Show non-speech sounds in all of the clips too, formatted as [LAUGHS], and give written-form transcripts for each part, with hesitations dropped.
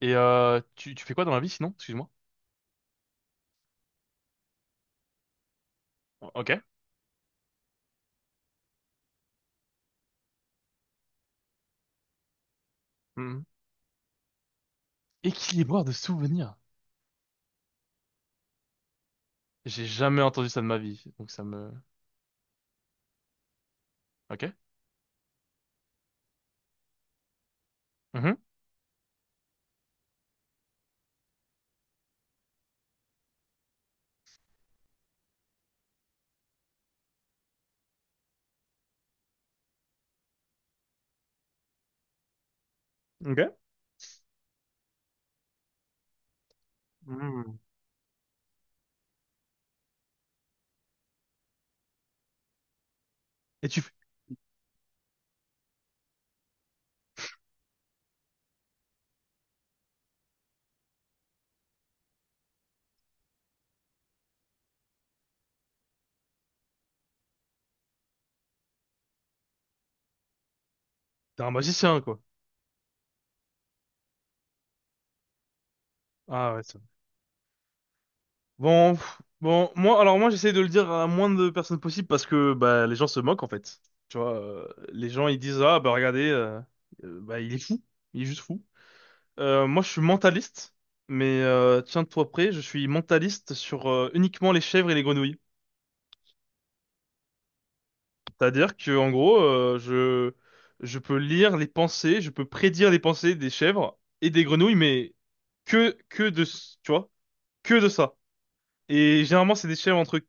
Tu fais quoi dans la vie sinon? Excuse-moi. Ok. Mhm. Équilibreur de souvenirs. J'ai jamais entendu ça de ma vie, donc ça me... Ok. Mhm. Ok. Hmm. Et tu... f- T'es un magicien, quoi. Ah ouais, ça. Bon, moi, j'essaie de le dire à moins de personnes possible parce que bah, les gens se moquent, en fait. Tu vois, les gens, ils disent, ah, bah, regardez, bah, il est fou. Il est juste fou. Moi, je suis mentaliste, mais tiens-toi prêt, je suis mentaliste sur uniquement les chèvres et les grenouilles. C'est-à-dire que en gros, je peux lire les pensées, je peux prédire les pensées des chèvres et des grenouilles, mais tu vois que de ça. Et généralement, c'est des chèvres entre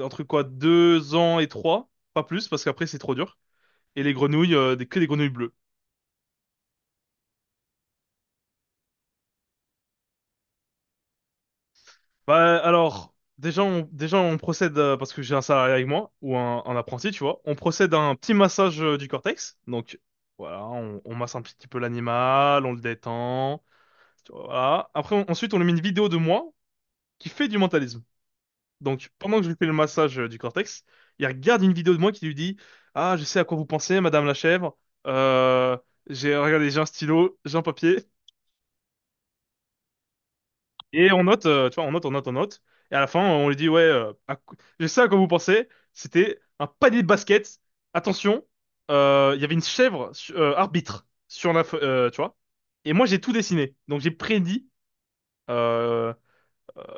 entre quoi 2 ans et 3, pas plus, parce qu'après c'est trop dur. Et les grenouilles, que des grenouilles bleues. Bah alors déjà on procède parce que j'ai un salarié avec moi ou un apprenti, tu vois. On procède à un petit massage du cortex, donc. Voilà, on masse un petit peu l'animal, on le détend. Voilà. Après, ensuite, on lui met une vidéo de moi qui fait du mentalisme. Donc, pendant que je lui fais le massage du cortex, il regarde une vidéo de moi qui lui dit: ah, je sais à quoi vous pensez, Madame la chèvre. Euh, regardez, j'ai un stylo, j'ai un papier. Et on note, tu vois, on note, on note, on note. Et à la fin, on lui dit: ouais, je sais à quoi vous pensez. C'était un panier de basket. Attention, il y avait une chèvre arbitre sur tu vois. Et moi, j'ai tout dessiné. Donc, j'ai prédit. euh,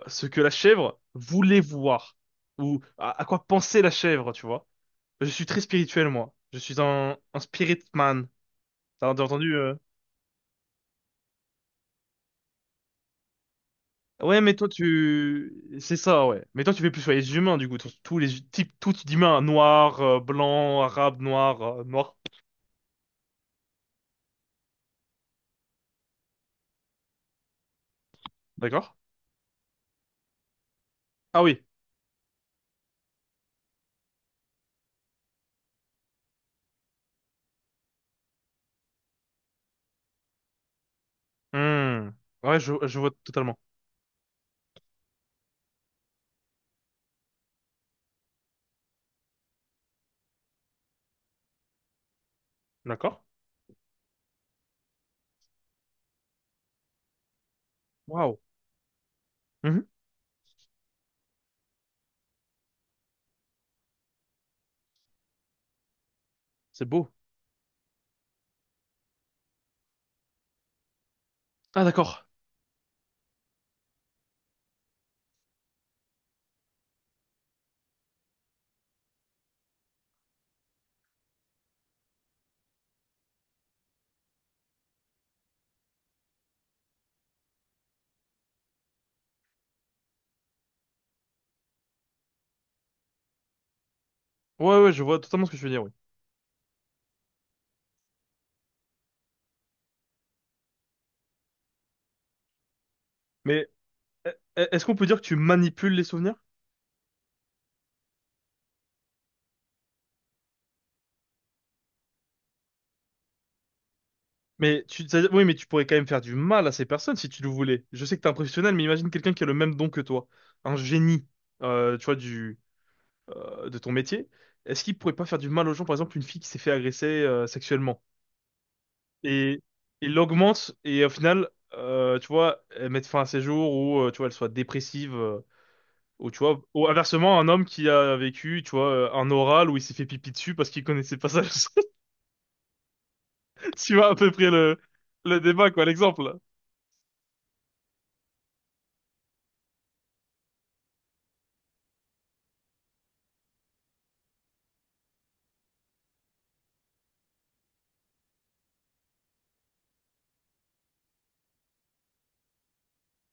ce que la chèvre voulait voir, ou à quoi pensait la chèvre, tu vois. Je suis très spirituel, moi. Je suis un spirit man. T'as entendu. Ouais, mais toi, tu... C'est ça, ouais. Mais toi, tu fais plus sur les humains, du coup. Tous les types, tous d'humains, noirs, blancs, arabes, noirs, noirs. D'accord? Ah oui. Hmm. Ouais, je vois totalement. D'accord? Waouh. Mhm. C'est beau. Ah, d'accord. Ouais, ouais, je vois totalement ce que tu veux dire, oui. Mais euh, est-ce qu'on peut dire que tu manipules les souvenirs? Oui, mais tu pourrais quand même faire du mal à ces personnes si tu le voulais. Je sais que t'es un professionnel, mais imagine quelqu'un qui a le même don que toi, un génie, tu vois, de ton métier. Est-ce qu'il pourrait pas faire du mal aux gens, par exemple, une fille qui s'est fait agresser sexuellement et il l'augmente et au final, tu vois, elle mette fin à ses jours ou tu vois, elle soit dépressive, ou tu vois, ou inversement, un homme qui a vécu, tu vois, un oral où il s'est fait pipi dessus parce qu'il connaissait pas ça. [LAUGHS] Tu vois à peu près le débat quoi, l'exemple.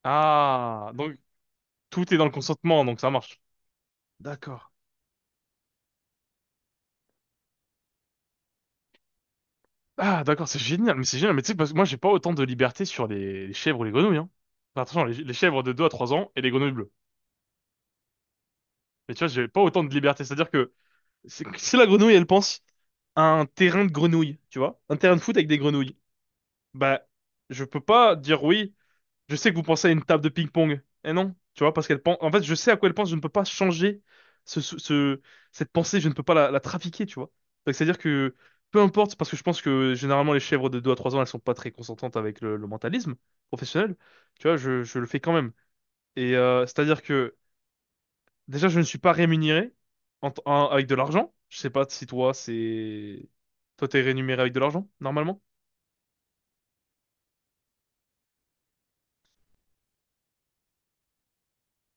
Ah, donc tout est dans le consentement, donc ça marche. D'accord. Ah, d'accord, c'est génial. Mais tu sais, parce que moi, j'ai pas autant de liberté sur les chèvres ou les grenouilles. Hein. Enfin, attention, les chèvres de 2 à 3 ans et les grenouilles bleues. Mais tu vois, j'ai pas autant de liberté. C'est-à-dire que si la grenouille, elle pense à un terrain de grenouilles, tu vois, un terrain de foot avec des grenouilles, bah, je peux pas dire oui, je sais que vous pensez à une table de ping-pong. Eh non, tu vois, parce qu'elle pense. En fait, je sais à quoi elle pense. Je ne peux pas changer ce, ce- ce- cette pensée. Je ne peux pas la trafiquer, tu vois. Donc, c'est-à-dire que peu importe, parce que je pense que généralement les chèvres de 2 à 3 ans, elles sont pas très consentantes avec le mentalisme professionnel. Tu vois, je le fais quand même. C'est-à-dire que déjà, je ne suis pas rémunéré avec de l'argent. Je sais pas si toi, t'es rémunéré avec de l'argent normalement.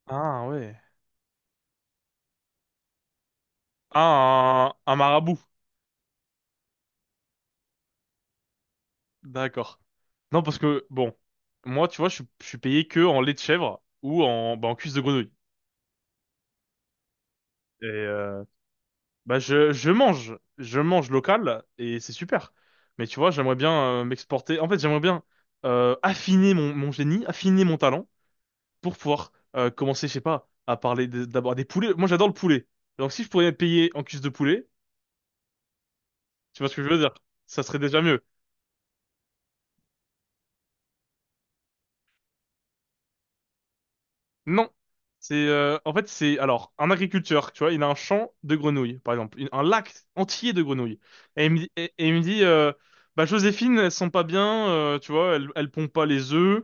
Ah ouais. Ah, un marabout. D'accord. Non, parce que, bon, moi, tu vois, je suis payé que en lait de chèvre ou en cuisse de grenouille. Et euh, je mange local et c'est super. Mais tu vois, j'aimerais bien m'exporter. En fait, j'aimerais bien affiner mon génie, affiner mon talent pour pouvoir commencer, je sais pas, à parler d'abord des poulets. Moi, j'adore le poulet. Donc, si je pourrais être payé en cuisse de poulet, tu vois ce que je veux dire? Ça serait déjà mieux. Non. C'est en fait c'est alors un agriculteur, tu vois, il a un champ de grenouilles, par exemple, un lac entier de grenouilles. Et il me dit, bah Joséphine, elles sont pas bien, tu vois, elles pondent pas les œufs.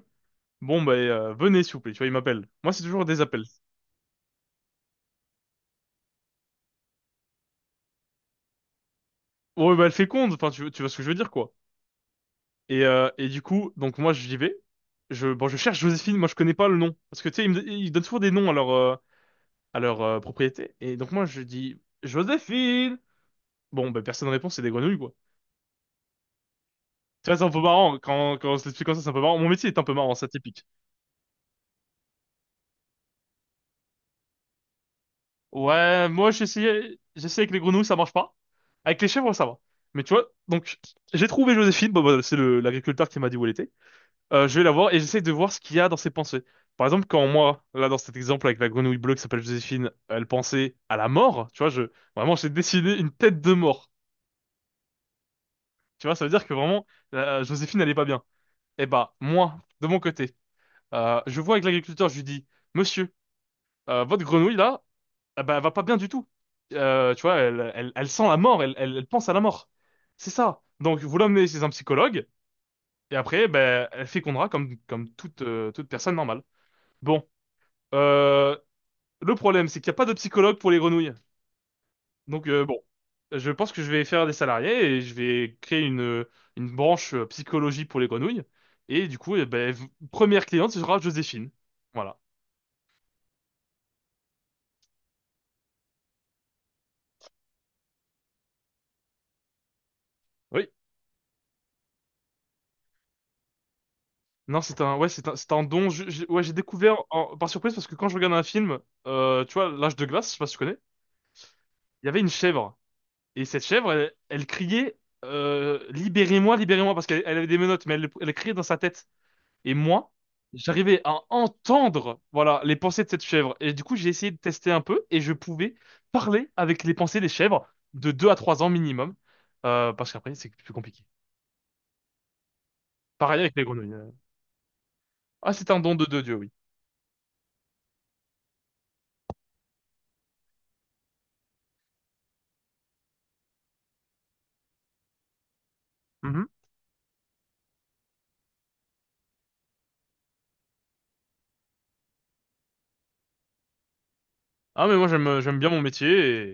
Venez s'il vous plaît, tu vois, il m'appelle. Moi c'est toujours des appels. Ouais bah elle féconde, enfin tu vois ce que je veux dire quoi. Du coup donc moi j'y vais, je cherche Joséphine, moi je connais pas le nom parce que tu sais ils donnent toujours des noms à leur propriété. Et donc moi je dis Joséphine. Bon bah personne ne répond, c'est des grenouilles quoi. Tu vois, c'est un peu marrant. Quand on se l'explique comme ça, c'est un peu marrant. Mon métier est un peu marrant, c'est atypique. Ouais, moi, j'ai essayé avec les grenouilles, ça marche pas. Avec les chèvres, ça va. Mais tu vois, donc, j'ai trouvé Joséphine. Bon, bah, c'est l'agriculteur qui m'a dit où elle était. Je vais la voir et j'essaye de voir ce qu'il y a dans ses pensées. Par exemple, quand moi, là, dans cet exemple avec la grenouille bleue qui s'appelle Joséphine, elle pensait à la mort, tu vois, vraiment, j'ai dessiné une tête de mort. Tu vois, ça veut dire que vraiment, Joséphine, elle est pas bien. Et bah, moi, de mon côté, je vois avec l'agriculteur, je lui dis: Monsieur, votre grenouille là, ah bah, elle va pas bien du tout. Tu vois, elle sent la mort, elle pense à la mort. C'est ça. Donc, vous l'emmenez chez un psychologue, et après, ben, elle fécondera comme toute personne normale. Bon, euh, le problème, c'est qu'il n'y a pas de psychologue pour les grenouilles. Donc, euh, bon, je pense que je vais faire des salariés et je vais créer une branche psychologie pour les grenouilles. Et du coup, eh ben, première cliente, ce sera Joséphine. Voilà. Oui. Non, ouais, c'est un don. Ouais, j'ai découvert par surprise parce que quand je regarde un film, tu vois, L'Âge de glace, je sais pas si tu connais, il y avait une chèvre. Et cette chèvre, elle criait libérez-moi, libérez-moi, parce qu'elle elle avait des menottes, mais elle criait dans sa tête. Et moi, j'arrivais à entendre, voilà, les pensées de cette chèvre. Et du coup, j'ai essayé de tester un peu et je pouvais parler avec les pensées des chèvres de 2 à 3 ans minimum, parce qu'après, c'est plus compliqué. Pareil avec les grenouilles. Ah, c'est un don de Dieu, oui. Ah mais moi j'aime bien mon métier et,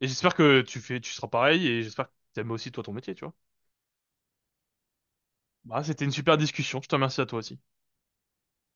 et j'espère que tu seras pareil et j'espère que t'aimes aussi toi ton métier, tu vois. Bah c'était une super discussion, je te remercie à toi aussi.